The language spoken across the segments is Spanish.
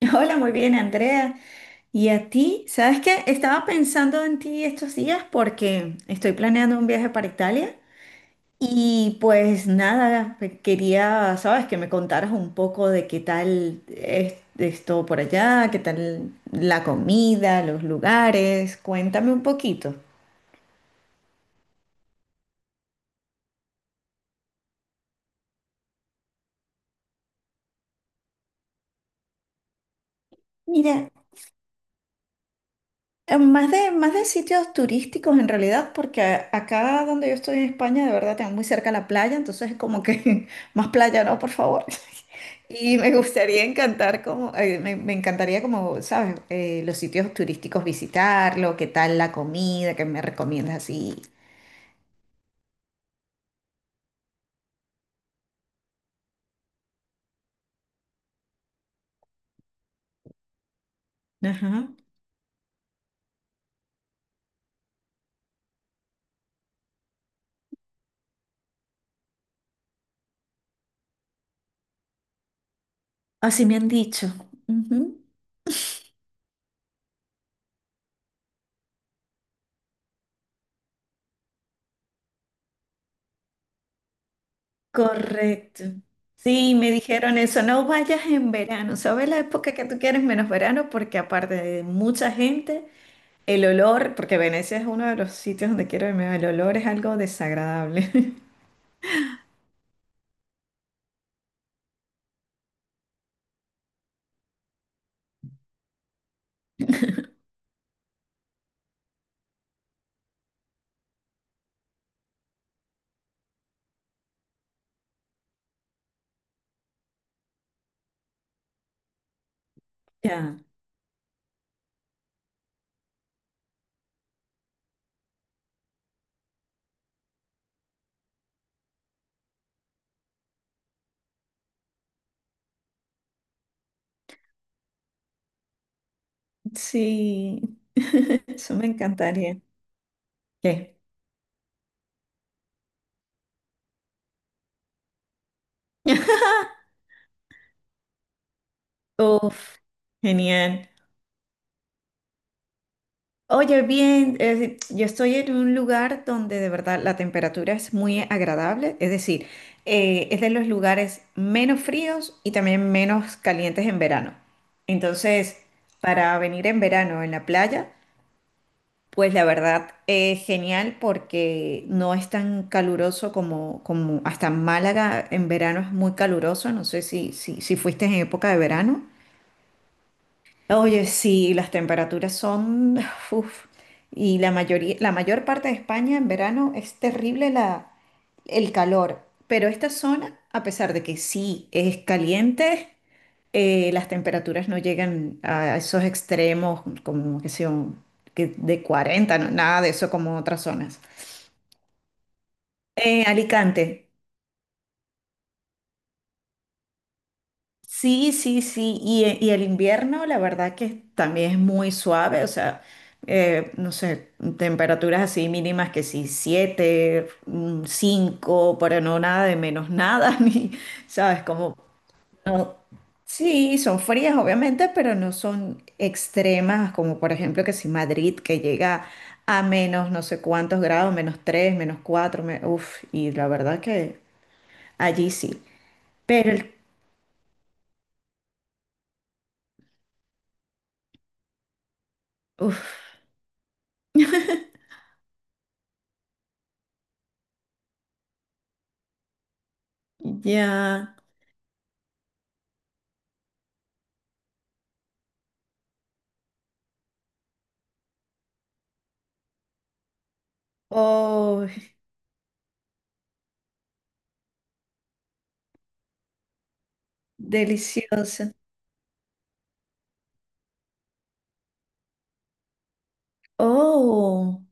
Hola, muy bien, Andrea. ¿Y a ti? ¿Sabes qué? Estaba pensando en ti estos días porque estoy planeando un viaje para Italia y pues nada, quería, sabes, que me contaras un poco de qué tal es esto por allá, qué tal la comida, los lugares. Cuéntame un poquito. Mira. Más de sitios turísticos en realidad, porque acá donde yo estoy en España, de verdad, tengo muy cerca la playa, entonces es como que más playa, no, por favor. Y me gustaría encantar como, me encantaría como, ¿sabes? Los sitios turísticos visitarlo, qué tal la comida, qué me recomiendas así. Ajá. Así me han dicho. Ujú. Correcto. Sí, me dijeron eso, no vayas en verano, ¿sabes la época que tú quieres menos verano? Porque aparte de mucha gente. El olor, porque Venecia es uno de los sitios donde quiero irme, el olor es algo desagradable. Ya. Sí, eso me encantaría. ¿Qué? Uf, genial. Oye, bien, yo estoy en un lugar donde de verdad la temperatura es muy agradable, es decir, es de los lugares menos fríos y también menos calientes en verano. Entonces, para venir en verano en la playa, pues la verdad, es genial porque no es tan caluroso como, como hasta Málaga en verano es muy caluroso. No sé si fuiste en época de verano. Oye, sí, las temperaturas son... uf, y la mayor parte de España en verano es terrible la, el calor. Pero esta zona, a pesar de que sí es caliente, las temperaturas no llegan a esos extremos, como que son que de 40 nada de eso como otras zonas. Alicante, sí, sí, sí, y el invierno la verdad que también es muy suave, o sea, no sé, temperaturas así mínimas que sí, 7, 5 pero no nada de menos nada, ni, ¿sabes? Como no, sí, son frías obviamente, pero no son extremas como por ejemplo que si Madrid que llega a menos no sé cuántos grados, menos 3, menos 4, uff, y la verdad que allí sí. Pero, uff, ya, oh, deliciosa. Oh,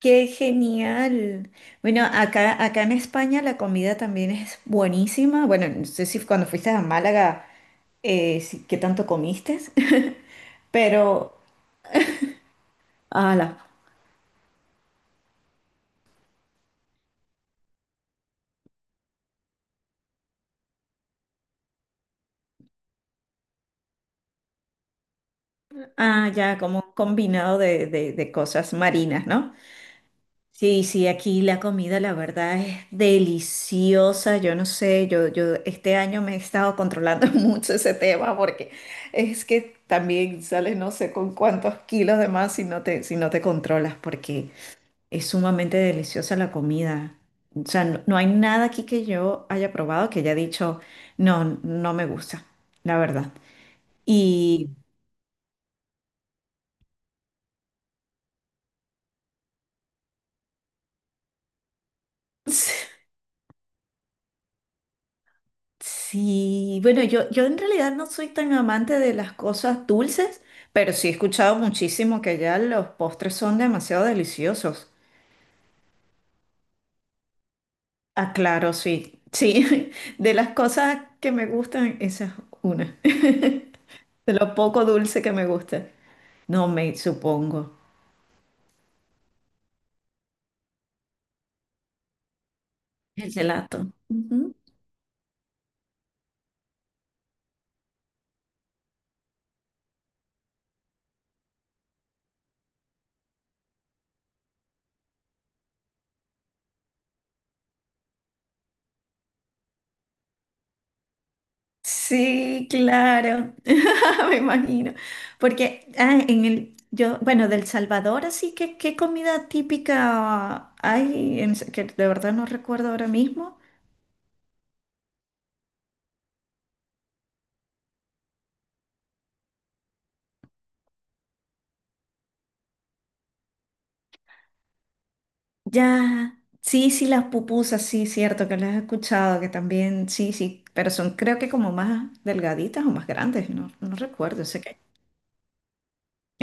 qué genial. Bueno, acá en España la comida también es buenísima. Bueno, no sé si cuando fuiste a Málaga, ¿qué tanto comiste? Pero, ala, ah, ya, como un combinado de, de cosas marinas, ¿no? Sí, sí, aquí la comida, la verdad, es deliciosa. Yo no sé, yo este año me he estado controlando mucho ese tema porque es que también sales no sé con cuántos kilos de más si no te, si no te controlas, porque es sumamente deliciosa la comida. O sea, no, no hay nada aquí que yo haya probado que haya dicho, no, no me gusta, la verdad. Y sí, bueno, yo en realidad no soy tan amante de las cosas dulces, pero sí he escuchado muchísimo que ya los postres son demasiado deliciosos. Ah, claro, sí. Sí, de las cosas que me gustan, esa es una. De lo poco dulce que me gusta. No me supongo. El gelato. Sí, claro, me imagino. Porque ah, bueno, del Salvador, así que, ¿qué comida típica hay? Que de verdad no recuerdo ahora mismo. Ya, sí, sí, las pupusas, sí, cierto, que las he escuchado, que también, sí, sí, pero son creo que como más delgaditas o más grandes, no, no recuerdo, sé que.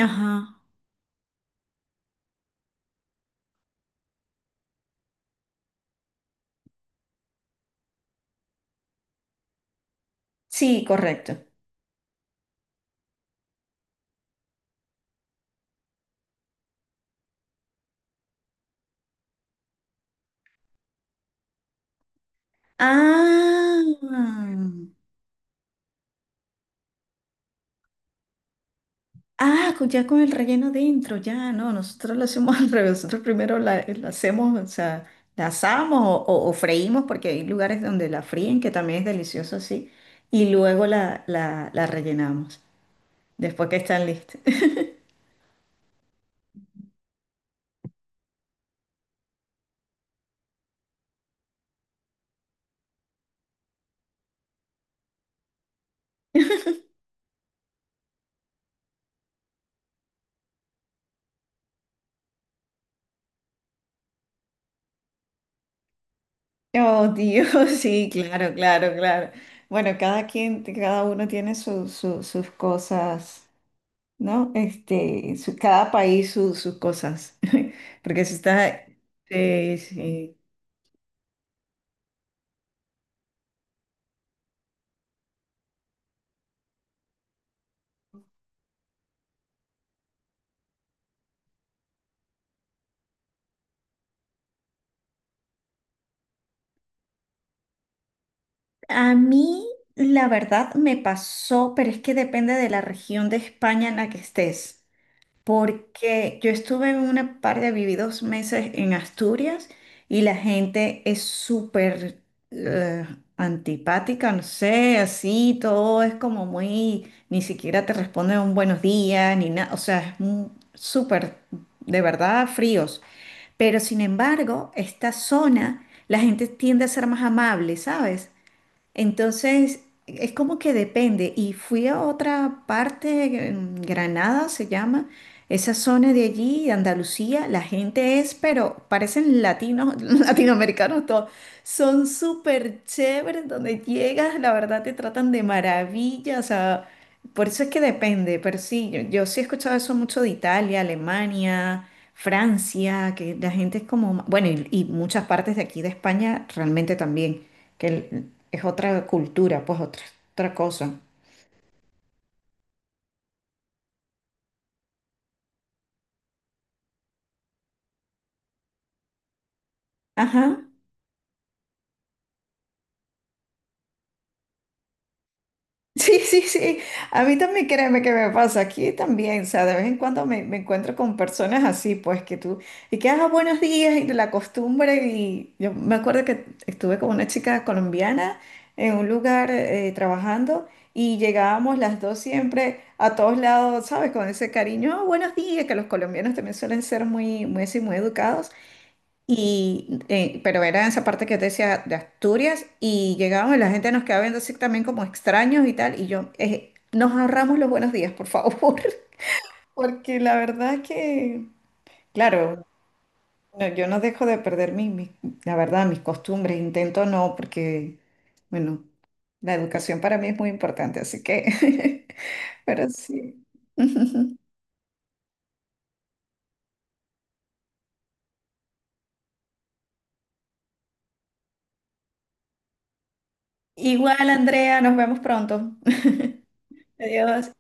Ajá, sí, correcto. Ah. Ah, ya con el relleno dentro, ya, no, nosotros lo hacemos al revés, nosotros primero la hacemos, o sea, la asamos o freímos, porque hay lugares donde la fríen, que también es delicioso así, y luego la rellenamos, después que están listas. Oh, Dios, sí, claro, claro, claro. Bueno, cada quien, cada uno tiene sus cosas, ¿no? Este, cada país sus cosas, porque si está... Sí, sí. A mí, la verdad, me pasó, pero es que depende de la región de España en la que estés, porque yo estuve en una parte, viví dos meses en Asturias y la gente es súper eh, antipática, no sé, así, todo es como muy, ni siquiera te responden un buenos días, ni nada, o sea, súper, de verdad, fríos. Pero sin embargo, esta zona, la gente tiende a ser más amable, ¿sabes? Entonces, es como que depende. Y fui a otra parte, en Granada se llama, esa zona de allí, de Andalucía, la gente es, pero parecen latinos, latinoamericanos todos. Son súper chéveres, donde llegas, la verdad te tratan de maravilla, o sea, por eso es que depende, pero sí, yo sí he escuchado eso mucho de Italia, Alemania. Francia, que la gente es como, bueno, y muchas partes de aquí de España realmente también es otra cultura, pues otra, otra cosa. Ajá. Sí, sí, sí. A mí también créeme que me pasa aquí también. O sea, de vez en cuando me encuentro con personas así, pues que tú, y que hagas buenos días y la costumbre. Y yo me acuerdo que estuve con una chica colombiana en un lugar trabajando y llegábamos las dos siempre a todos lados, ¿sabes? Con ese cariño, "Ah, buenos días, que los colombianos también suelen ser muy, muy así, muy educados. Y, pero era esa parte que te decía de Asturias y llegábamos y la gente nos quedaba viendo así también como extraños y tal. Y yo, nos ahorramos los buenos días, por favor. Porque la verdad es que, claro, no, yo no dejo de perder la verdad, mis costumbres. Intento no, porque, bueno, la educación para mí es muy importante, así que, pero sí. Igual, Andrea, nos vemos pronto. Adiós.